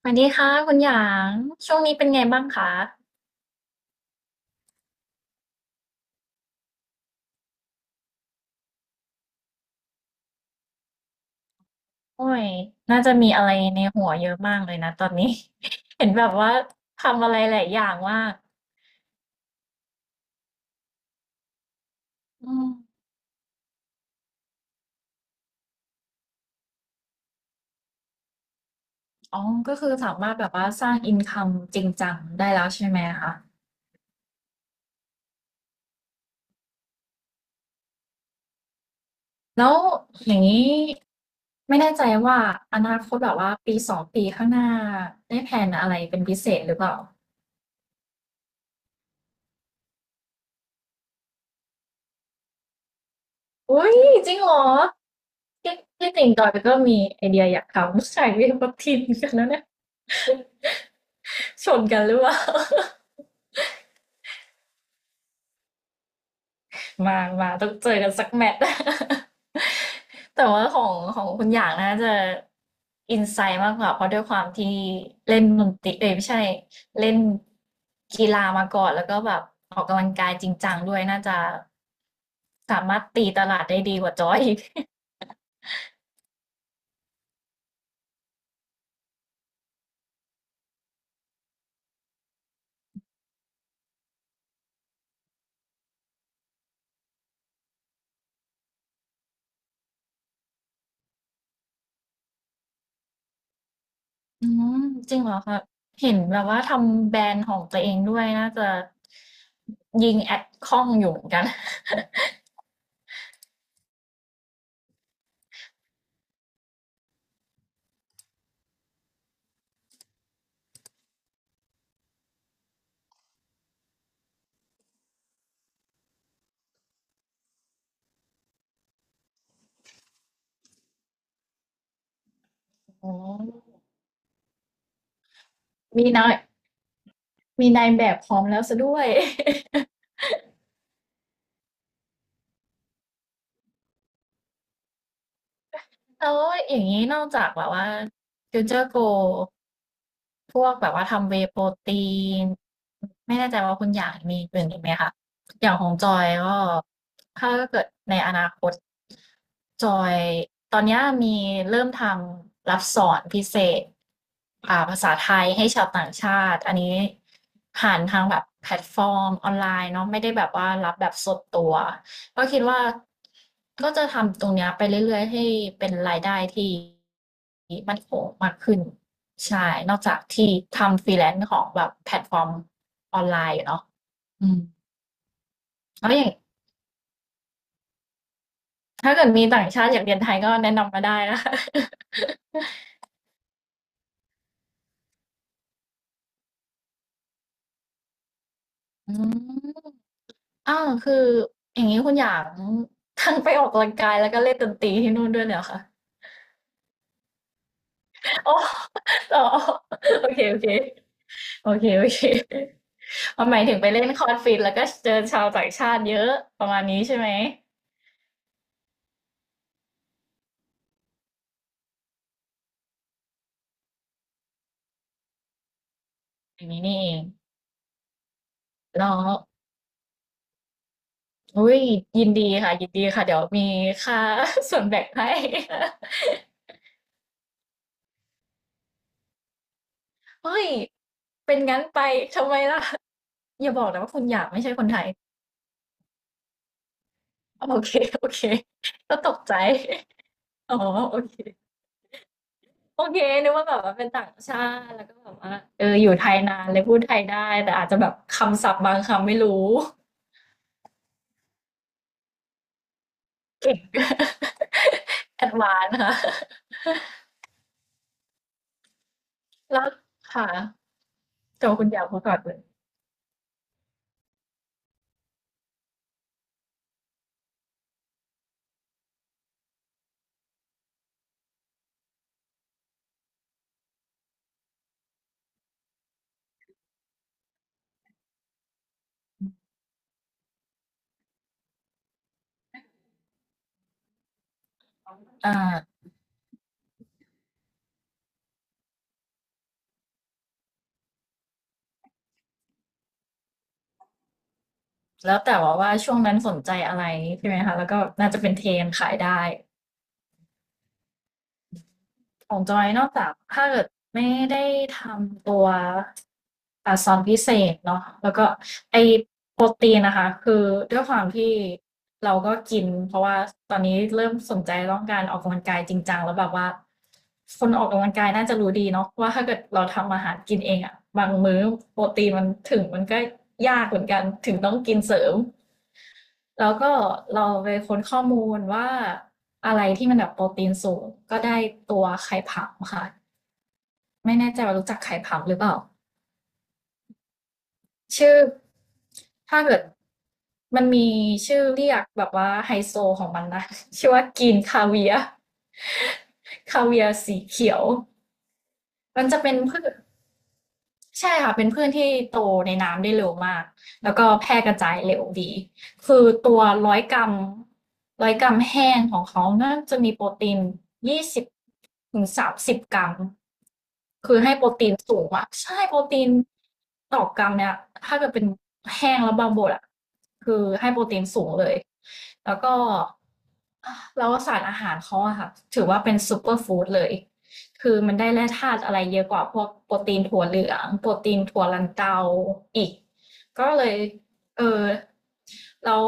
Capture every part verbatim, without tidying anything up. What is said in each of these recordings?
สวัสดีค่ะคุณหยางช่วงนี้เป็นไงบ้างคะโอ้ยน่าจะมีอะไรในหัวเยอะมากเลยนะตอนนี้ เห็นแบบว่าทำอะไรหลายอย่างว่ากอืมอ๋อก็คือสามารถแบบว่าสร้างอินคัมจริงจังได้แล้วใช่ไหมคะแล้วอย่างนี้ไม่แน่ใจว่าอนาคตแบบว่าปีสองปีข้างหน้าได้แผนอะไรเป็นพิเศษหรือเปล่าอุ้ยจริงเหรอที่ที่จริงจอยก็มีไอเดียอยากทำ ขายเวทีเหมครับทอนกันแล้วเนี่ย ชนกันหรือเปล่ามามาต้องเจอกันสักแมตช์ แต่ว่าของของคุณหยางน่าจะอินไซต์มากกว่าเพราะด้วยความที่เล่นดนตรีเอ้ยไม่ใช่เล่นกีฬามาก่อนแล้วก็แบบออกกำลังกายจริงจังด้วยน่าจะสามารถตีตลาดได้ดีกว่าจอยอีกอืมจริงเหรอคะเห็นแบบว่าทำแบรนด์ของตัวเองด้วยน่าจะยิงแอดคล่องอยู่เหมือนกัน อ๋อมีแนว มีนายแบบพร้อมแล้วซสด้วย แล้วอย่างนี้นอกจากแบบว่า Future Go พวกแบบว่าทำ Whey Protein ไม่แน่ใจว่าคุณอย่างมีอื่นอีกไหมคะอย่างของจอยก็ถ้าเกิดในอนาคตจอยตอนเนี้ยมีเริ่มทำรับสอนพิเศษอ่าภาษาไทยให้ชาวต่างชาติอันนี้ผ่านทางแบบแพลตฟอร์มออนไลน์เนาะไม่ได้แบบว่ารับแบบสดตัว ก็คิดว่าก็จะทำตรงเนี้ยไปเรื่อยๆให้เป็นรายได้ที่มั่นคงมากขึ้นใช่นอกจากที่ทำฟรีแลนซ์ของแบบแพลตฟอร์มออนไลน์อยู่เนาะอืมแล้วอย่างถ้าเกิดมีต่างชาติอยากเรียนไทยก็แนะนำมาได้นะคะอืมอ้าวคืออย่างนี้คุณอยากทั้งไปออกกำลังกายแล้วก็เล่นดนตรีที่นู่นด้วยเลยเหรอคะโอ้อ๋ อโอเคโอเคโอเคโอเค เอาหมายถึงไปเล่นคอนฟิดแล้วก็เจอชาวต่างชาติเยอะประมาณนี้ใช่ไหมอย่างนี้นี่เองแล้วอุ้ยยินดีค่ะยินดีค่ะเดี๋ยวมีค่า ส่วนแบ่งให้ เฮ้ยเป็นงั้นไปทำไมล่ะอย่าบอกนะว่าคุณอยากไม่ใช่คนไทยโอเคโอเคก็ตกใจ อ๋อโอเคโอเคนึกว่าแบบว่าเป็นต่างชาติแล้วก็แบบว่าเอออยู่ไทยนานเลยพูดไทยได้แต่อาจจะแบบคำศัพท์บางคำไม่รู้ เก่ง แอดวานซ์ค่ะแล้วค่ะแต่ว่าคุณอยากพูดก่อนเลยอ่าแล้วแต่ว่าว่าช่วงนั้นสนใจอะไรใช่ไหมคะแล้วก็น่าจะเป็นเทรนด์ขายได้ ของจอยนอกจาก ถ้าเกิดไม่ได้ทำตัวอ่าซอนพิเศษเนาะแล้วก็ไอโปรตีนนะคะคือด้วยความที่เราก็กิน เพราะว่าตอนนี้เริ่มสนใจเรื่องการออกกำลังกายจริงจังแล้วแบบว่าคนออกกำลังกายน่าจะรู้ดีเนาะว่าถ้าเกิดเราทำอาหารกินเองอะบางมื้อโปรตีนมันถึงมันก็ยากเหมือนกันถึงต้องกินเสริม แล้วก็เราไปค้นข้อมูลว่าอะไรที่มันแบบโปรตีนสูงก็ได้ตัวไข่ผำค่ะไม่แน่ใจว่ารู้จักไข่ผำหรือเปล่าชื่อถ้าเกิดมันมีชื่อเรียกแบบว่าไฮโซของมันนะ ชื่อว่ากินคาเวียร์คาเวียร์สีเขียวมันจะเป็นพืช ใช่ค่ะเป็นพืชที่โตในน้ำได้เร็วมากแล้วก็แพร่กระจายเร็วดีคือตัวร้อยกรัมร้อยกรัมแห้งของเขาน่าจะมีโปรตีนยี่สิบถึงสามสิบกรัมคือให้โปรตีนสูงอะใช่โปรตีนต่อกรัมเนี่ยถ้าเกิดเป็นแห้งแล้วบางบดอะคือให้โปรตีนสูงเลยแล้วก็แล้วสารอาหารเขาอะค่ะถือว่าเป็นซูเปอร์ฟู้ดเลย คือมันได้แร่ธาตุอะไรเยอะกว่าพวกโปรตีนถั่วเหลืองโปรตีนถั่วลันเตาอีกก็เลยเออแล้ว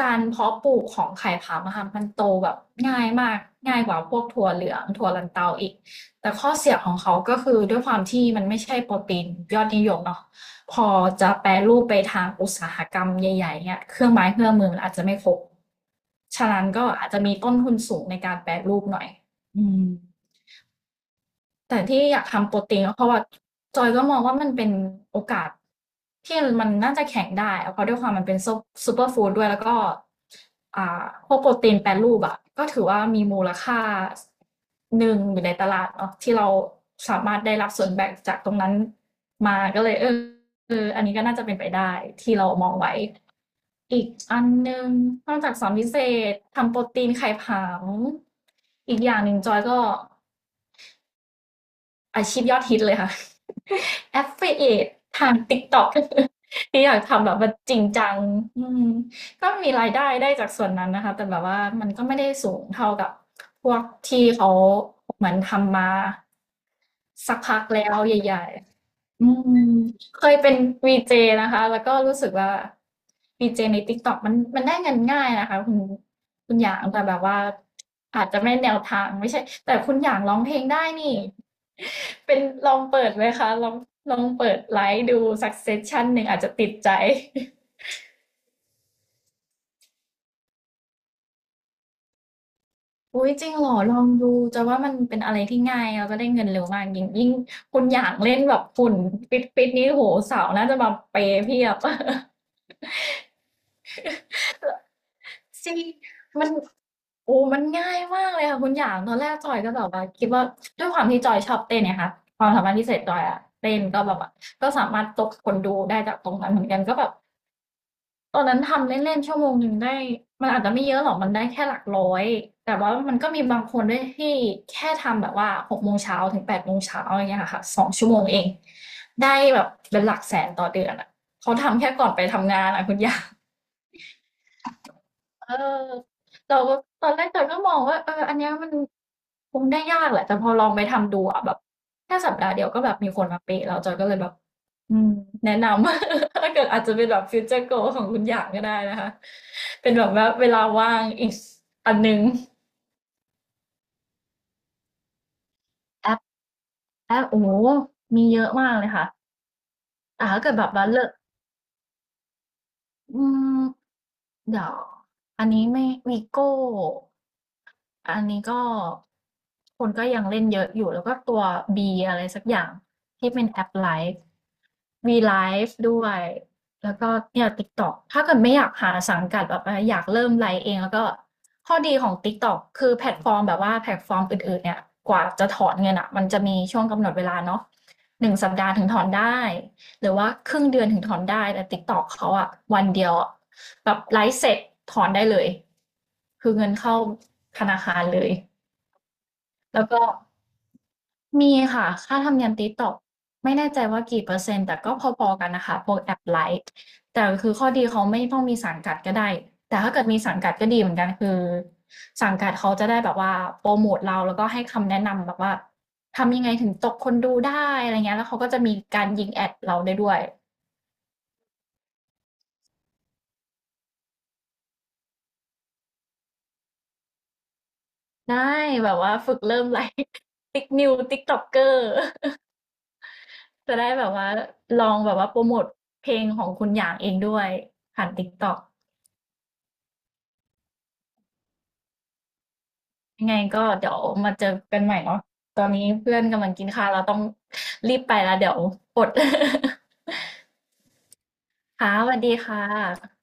การเพาะปลูกของไข่ผามะค่ะมันโตแบบง่ายมากง่ายกว่าพวกถั่วเหลืองถั่วลันเตาอีกแต่ข้อเสียของเขาก็คือด้วยความที่มันไม่ใช่โปรตีนยอดนิยมเนาะพอจะแปรรูปไปทางอุตสาหกรรมใหญ่ๆเนี่ยเครื่องไม้เครื่องมือมันอาจจะไม่ครบฉะนั้นก็อาจจะมีต้นทุนสูงในการแปรรูปหน่อยอืม แต่ที่อยากทำโปรตีนก็เพราะว่าจอยก็มองว่ามันเป็นโอกาสที่มันน่าจะแข็งได้อเพราะด้วยความมันเป็นซุปูเปอร์ฟู้ดด้วยแล้วก็อ่าพวกโปรตีนแปรรูปอะก็ถือว่ามีมูลค่าหนึ่งอยู่ในตลาดเนาะที่เราสามารถได้รับส่วนแบ่งจากตรงนั้นมาก็เลยเออเอออันนี้ก็น่าจะเป็นไปได้ที่เรามองไว้อีกอันหนึ่งนอกจากสอนพิเศษทำโปรตีนไข่ผงอีกอย่างหนึ่งจอยก็ อาชีพยอดฮิตเลยค่ะ Affiliate ทาง ติ๊กต๊อก ที่อยากทำแบบว่าจริงจังอืมก็มีรายได้ได้จากส่วนนั้นนะคะแต่แบบว่ามันก็ไม่ได้สูงเท่ากับพวกที่เขาเหมือนทำมาสักพักแล้วใหญ่ๆอืมเคยเป็นวีเจนะคะแล้วก็รู้สึกว่าวีเจใน TikTok มันมันได้เงินง่ายนะคะคุณคุณหยางแต่แบบว่าอาจจะไม่แนวทางไม่ใช่แต่คุณหยางร้องเพลงได้นี่ เป็นลองเปิดไหมคะลองลองเปิดไลฟ์ดูสักเซสชั่นหนึ่งอาจจะติดใจ อุ้ยจริงเหรอลองดูจะว่ามันเป็นอะไรที่ง่ายแล้วก็ได้เงินเร็วมากยิ่งยิ่งคุณอยากเล่นแบบฝุ่นปิดปิดนี้โหสาวน่าจะมาเปย์เพียบ จริงมันโอ้มันง่ายมากเลยค่ะคุณอยากตอนแรกจอยก็แบบว่าคิดว่าด้วยความที่จอยชอบเต้นเนี่ยค่ะความสามารถพิเศษจอยอะเต้นก็แบบว่าก็สามารถตกคนดูได้จากตรงนั้นเหมือนกันก็แบบ ตอนนั้นทำเล่นๆชั่วโมงหนึ่งได้มันอาจจะไม่เยอะหรอกมันได้แค่หลักร้อยแต่ว่ามันก็มีบางคนด้วยที่แค่ทำแบบว่าหกโมงเช้าถึงแปดโมงเช้าอย่างเงี้ยค่ะสองชั่วโมงเองได้แบบเป็นหลักแสนต่อเดือนอ่ะเขาทำแค่ก่อนไปทำงานอ่ะคุณย่า เออเราก็ตอนแรกเราก็มองว่าเอออันเนี้ยมันคงได้ยากแหละแต่พอลองไปทำดูอะแบบแค่สัปดาห์เดียวก็แบบมีคนมาเปะเราจอยก็เลยแบบอืมแนะนำ ถ้าเกิดอาจจะเป็นแบบฟิวเจอร์โกของคุณอย่างก็ได้นะคะเป็นแบบว่าเวลาว่างอีกอันนึงแอปแอปโอ้โหมีเยอะมากเลยค่ะแต่ถ้าเกิดแบบว่าเลิก อืมเดี๋ยวอันนี้ไม่วีโก้อันนี้ก็คนก็ยังเล่นเยอะอยู่แล้วก็ตัว บี อะไรสักอย่างที่เป็นแอปไลฟ์ วี แอล ไอ ฟ อี ด้วยแล้วก็เนี่ย TikTok ถ้าเกิดไม่อยากหาสังกัดแบบว่าอยากเริ่มไลฟ์เองแล้วก็ข้อดีของ TikTok คือแพลตฟอร์มแบบว่าแพลตฟอร์มอื่นๆเนี่ยกว่าจะถอนเงินอ่ะมันจะมีช่วงกำหนดเวลาเนาะหนึ่งสัปดาห์ถึงถอนได้ หรือว่าครึ่งเดือนถึงถอนได้แต่ TikTok เขาอะวันเดียวแบบไลฟ์เสร็จถอนได้เลยคือเงินเข้าธนาคารเลยแล้วก็มีค่ะค่าธรรมเนียม TikTok ไม่แน่ใจว่ากี่เปอร์เซ็นต์แต่ก็พอๆกันนะคะพวกแอปไลฟ์แต่คือข้อดีเขาไม่ต้องมีสังกัดก็ได้แต่ถ้าเกิดมีสังกัดก็ดีเหมือนกันคือสังกัดเขาจะได้แบบว่าโปรโมทเราแล้วก็ให้คำแนะนำแบบว่าทำยังไงถึงตกคนดูได้อะไรเงี้ยแล้วเขาก็จะมีการยิงแอดเราได้ด้วย ได้แบบว่าฝึกเริ่มไลฟ์ ติ๊กนิวติกต็อกเกอร์ จะได้แบบว่าลองแบบว่าโปรโมตเพลงของคุณหยางเองด้วยผ่านต๊กต็อกยังไงก็เดี๋ยวมาเจอกันใหม่เนาะตอนนี้เพื่อนกำลังกินข้าวเราต้องรีบไปแล้วเดี๋ยวอด ค่ะสวัสดีค่ะ